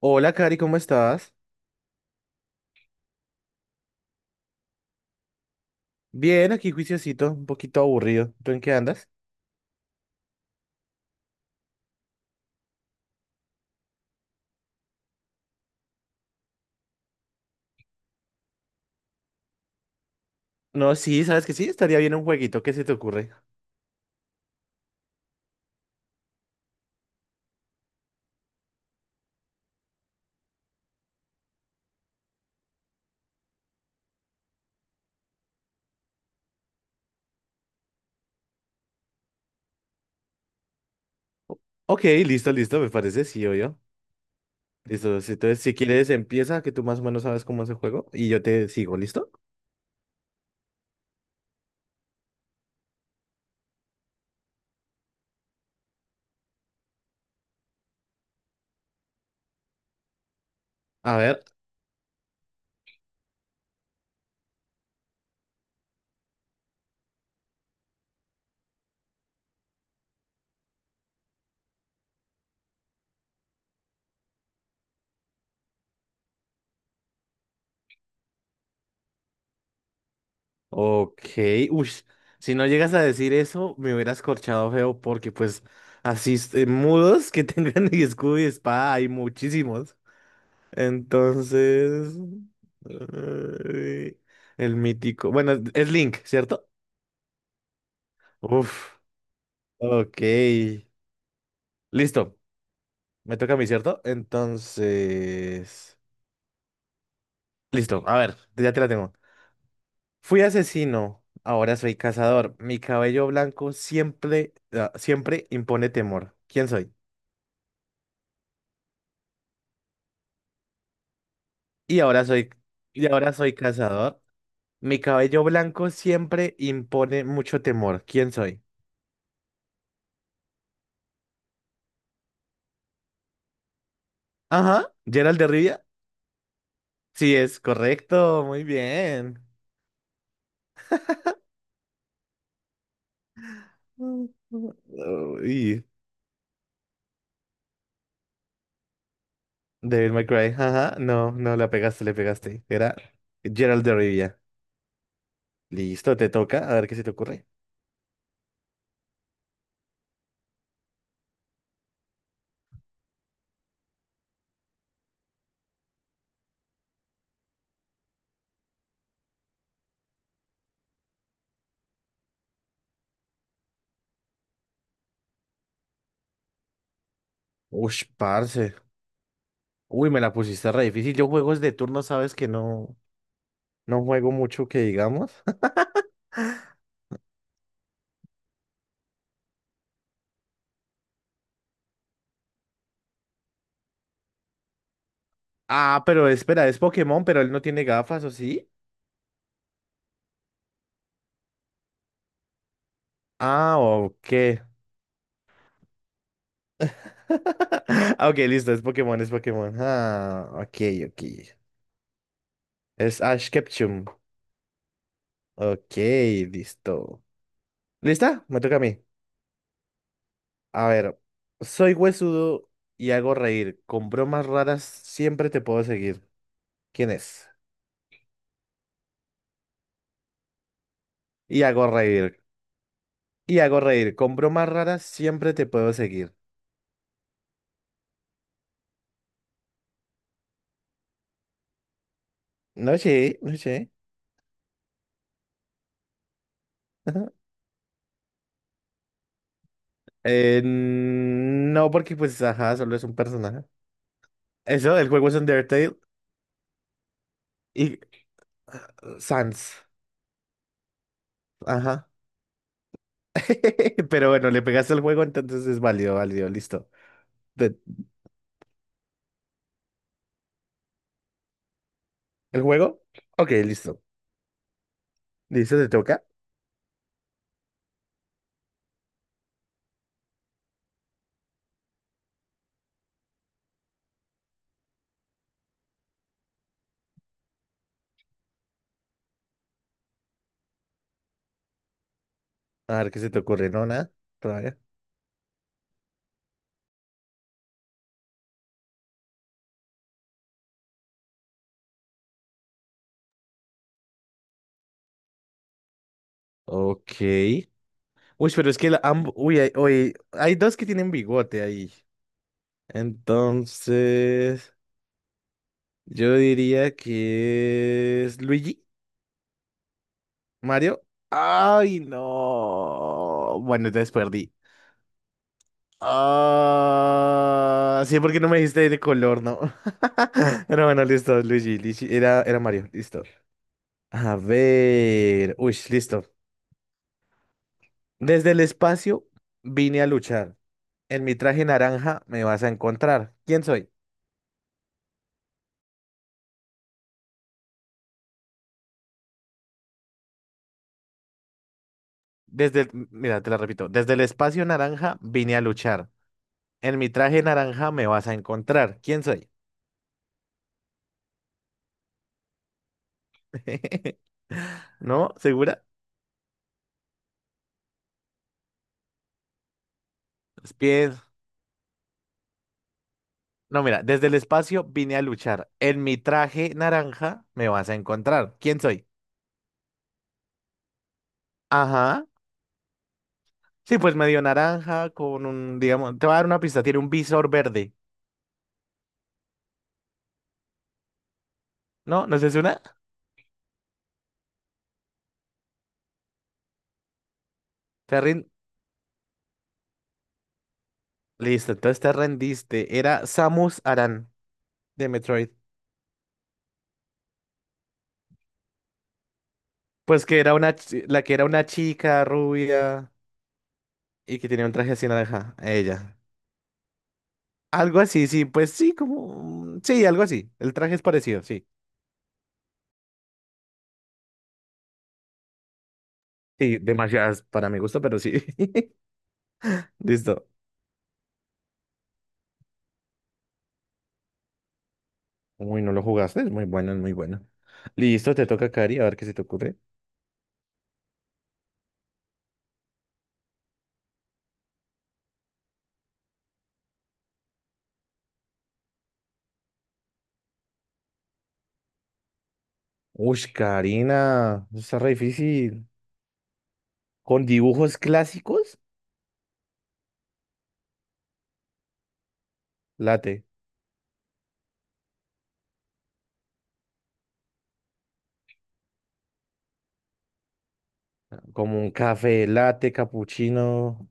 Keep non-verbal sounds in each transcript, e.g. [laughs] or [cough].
Hola, Cari, ¿cómo estás? Bien, aquí juiciosito, un poquito aburrido. ¿Tú en qué andas? No, sí, ¿sabes que sí? Estaría bien un jueguito, ¿qué se te ocurre? O- Ok, listo, listo, me parece, sí, yo. Listo, sí, entonces si quieres empieza, que tú más o menos sabes cómo es el juego, y yo te sigo, ¿listo? A ver, ok, uy, si no llegas a decir eso, me hubieras corchado feo, porque pues así, mudos que [laughs] tengan escudo y espada, hay muchísimos. Entonces, eh, el mítico. Bueno, es Link, ¿cierto? Uf, ok. Listo, me toca a mí, ¿cierto? Entonces, listo, a ver, ya te la tengo. Fui asesino, ahora soy cazador. Mi cabello blanco siempre, siempre impone temor. ¿Quién soy? Y ahora soy, y ahora soy cazador. Mi cabello blanco siempre impone mucho temor. ¿Quién soy? Ajá, Gerald de Rivia. Sí, es correcto, muy bien. Uy, Devil May Cry, ajá, no, no, la pegaste, le pegaste. Era Gerald de Rivia. Listo, te toca, a ver qué se te ocurre. Ush, parce. Uy, me la pusiste re difícil. Yo juegos de turno, sabes que no, no juego mucho que digamos. [laughs] Ah, pero espera, es Pokémon, pero él no tiene gafas, ¿o sí? Ah, ok. [laughs] Ah, Ok, listo, es Pokémon, es Pokémon. Ah, ok, ok. Es Ash Ketchum. Ok, listo. ¿Lista? Me toca a mí. A ver, soy huesudo y hago reír. Con bromas raras siempre te puedo seguir. ¿Quién es? Y hago reír. Y hago reír. Con bromas raras siempre te puedo seguir. No sé, no sé. [laughs] No, porque pues, ajá, solo es un personaje. Eso, el juego es Undertale y Sans. Ajá. [laughs] Pero bueno, le pegaste el juego, entonces es válido, válido, listo. Te- ¿El juego? Ok, listo. ¿Listo? ¿Te toca? A ver qué se te ocurre, no, nada. Todavía. Ok. Uy, pero es que la, uy, hay dos que tienen bigote ahí. Entonces, yo diría que es Luigi, Mario. Ay, no. Bueno, entonces perdí. Ah, sí, porque no me dijiste de color, ¿no? [laughs] Pero bueno, listo, Luigi, Luigi, era Mario, listo. A ver, uy, listo. Desde el espacio vine a luchar. En mi traje naranja me vas a encontrar. ¿Quién soy? Mira, te la repito. Desde el espacio naranja vine a luchar. En mi traje naranja me vas a encontrar. ¿Quién soy? [laughs] ¿No? ¿Segura? Pies. No, mira, desde el espacio vine a luchar. En mi traje naranja me vas a encontrar. ¿Quién soy? Ajá. Sí, pues medio naranja con un, digamos, te voy a dar una pista, tiene un visor verde. ¿No? ¿No es una? ¿Te rindo? Listo, entonces te rendiste. Era Samus Aran de Metroid. Pues que era una, la que era una chica rubia y que tenía un traje así naranja. Ella. Algo así, sí, pues sí, como. Sí, algo así. El traje es parecido, sí. Sí, demasiadas para mi gusto, pero sí. [laughs] Listo. Uy, no lo jugaste, es muy bueno, es muy bueno. Listo, te toca, Cari, a ver qué se te ocurre. Uy, Karina, eso está re difícil. ¿Con dibujos clásicos? Late, como un café, latte, capuchino.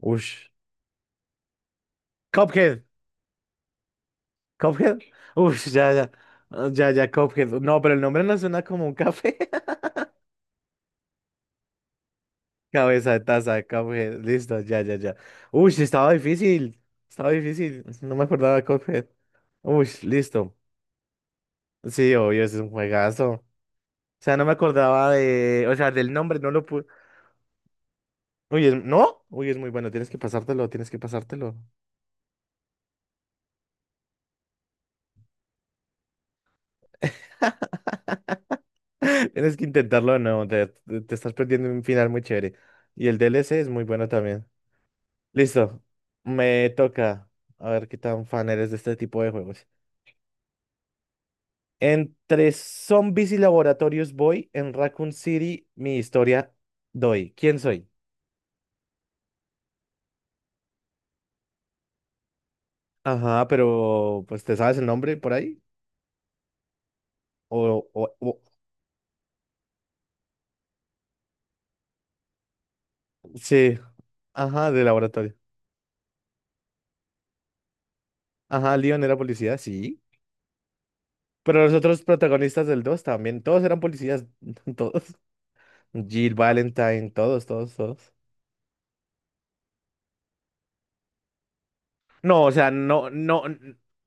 Ush. Cuphead. Cuphead. Ush, ya, ya. Ya, ya, Cuphead. No, pero el nombre no suena como un café. [laughs] Cabeza de taza, Cuphead. Listo, ya, ya, ya. Ush, estaba difícil. Estaba difícil. No me acordaba de Cuphead. Ush, listo. Sí, obvio, ese es un juegazo. O sea, no me acordaba de. O sea, del nombre, no lo pude. Uy, ¿no? Uy, es muy bueno. Tienes que pasártelo, tienes que pasártelo. [laughs] Tienes que intentarlo, no. Te estás perdiendo un final muy chévere. Y el D L C es muy bueno también. Listo, me toca. A ver qué tan fan eres de este tipo de juegos. Entre zombies y laboratorios voy, en Raccoon City mi historia doy. ¿Quién soy? Ajá, pero pues ¿te sabes el nombre por ahí? O, o- o- sí, ajá, de laboratorio. Ajá, Leon era policía, sí. Pero los otros protagonistas del 2 también, todos eran policías, [laughs] todos. Jill Valentine, todos, todos, todos. No, o sea, no, no,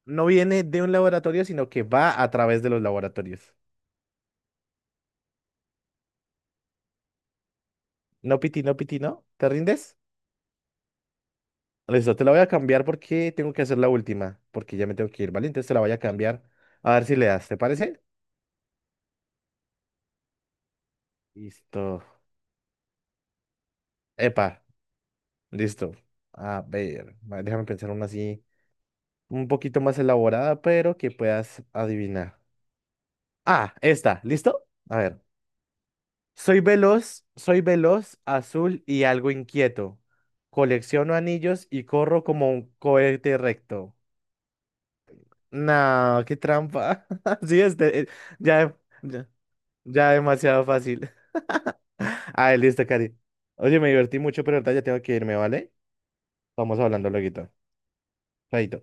no viene de un laboratorio, sino que va a través de los laboratorios. No, Piti, no, Piti, ¿no? ¿Te rindes? Listo, te la voy a cambiar porque tengo que hacer la última, porque ya me tengo que ir, ¿vale? Entonces te la voy a cambiar. A ver si le das, ¿te parece? Listo. Epa, listo. A ver, va, déjame pensar una así, un poquito más elaborada, pero que puedas adivinar. Ah, esta, ¿listo? A ver. Soy veloz, azul y algo inquieto. Colecciono anillos y corro como un cohete recto. No, qué trampa. [laughs] Sí, este, ya, ya, ya demasiado fácil. [laughs] Ah, listo, Cari. Oye, me divertí mucho, pero ahorita ya tengo que irme, ¿vale? Vamos hablando luego. Chaito.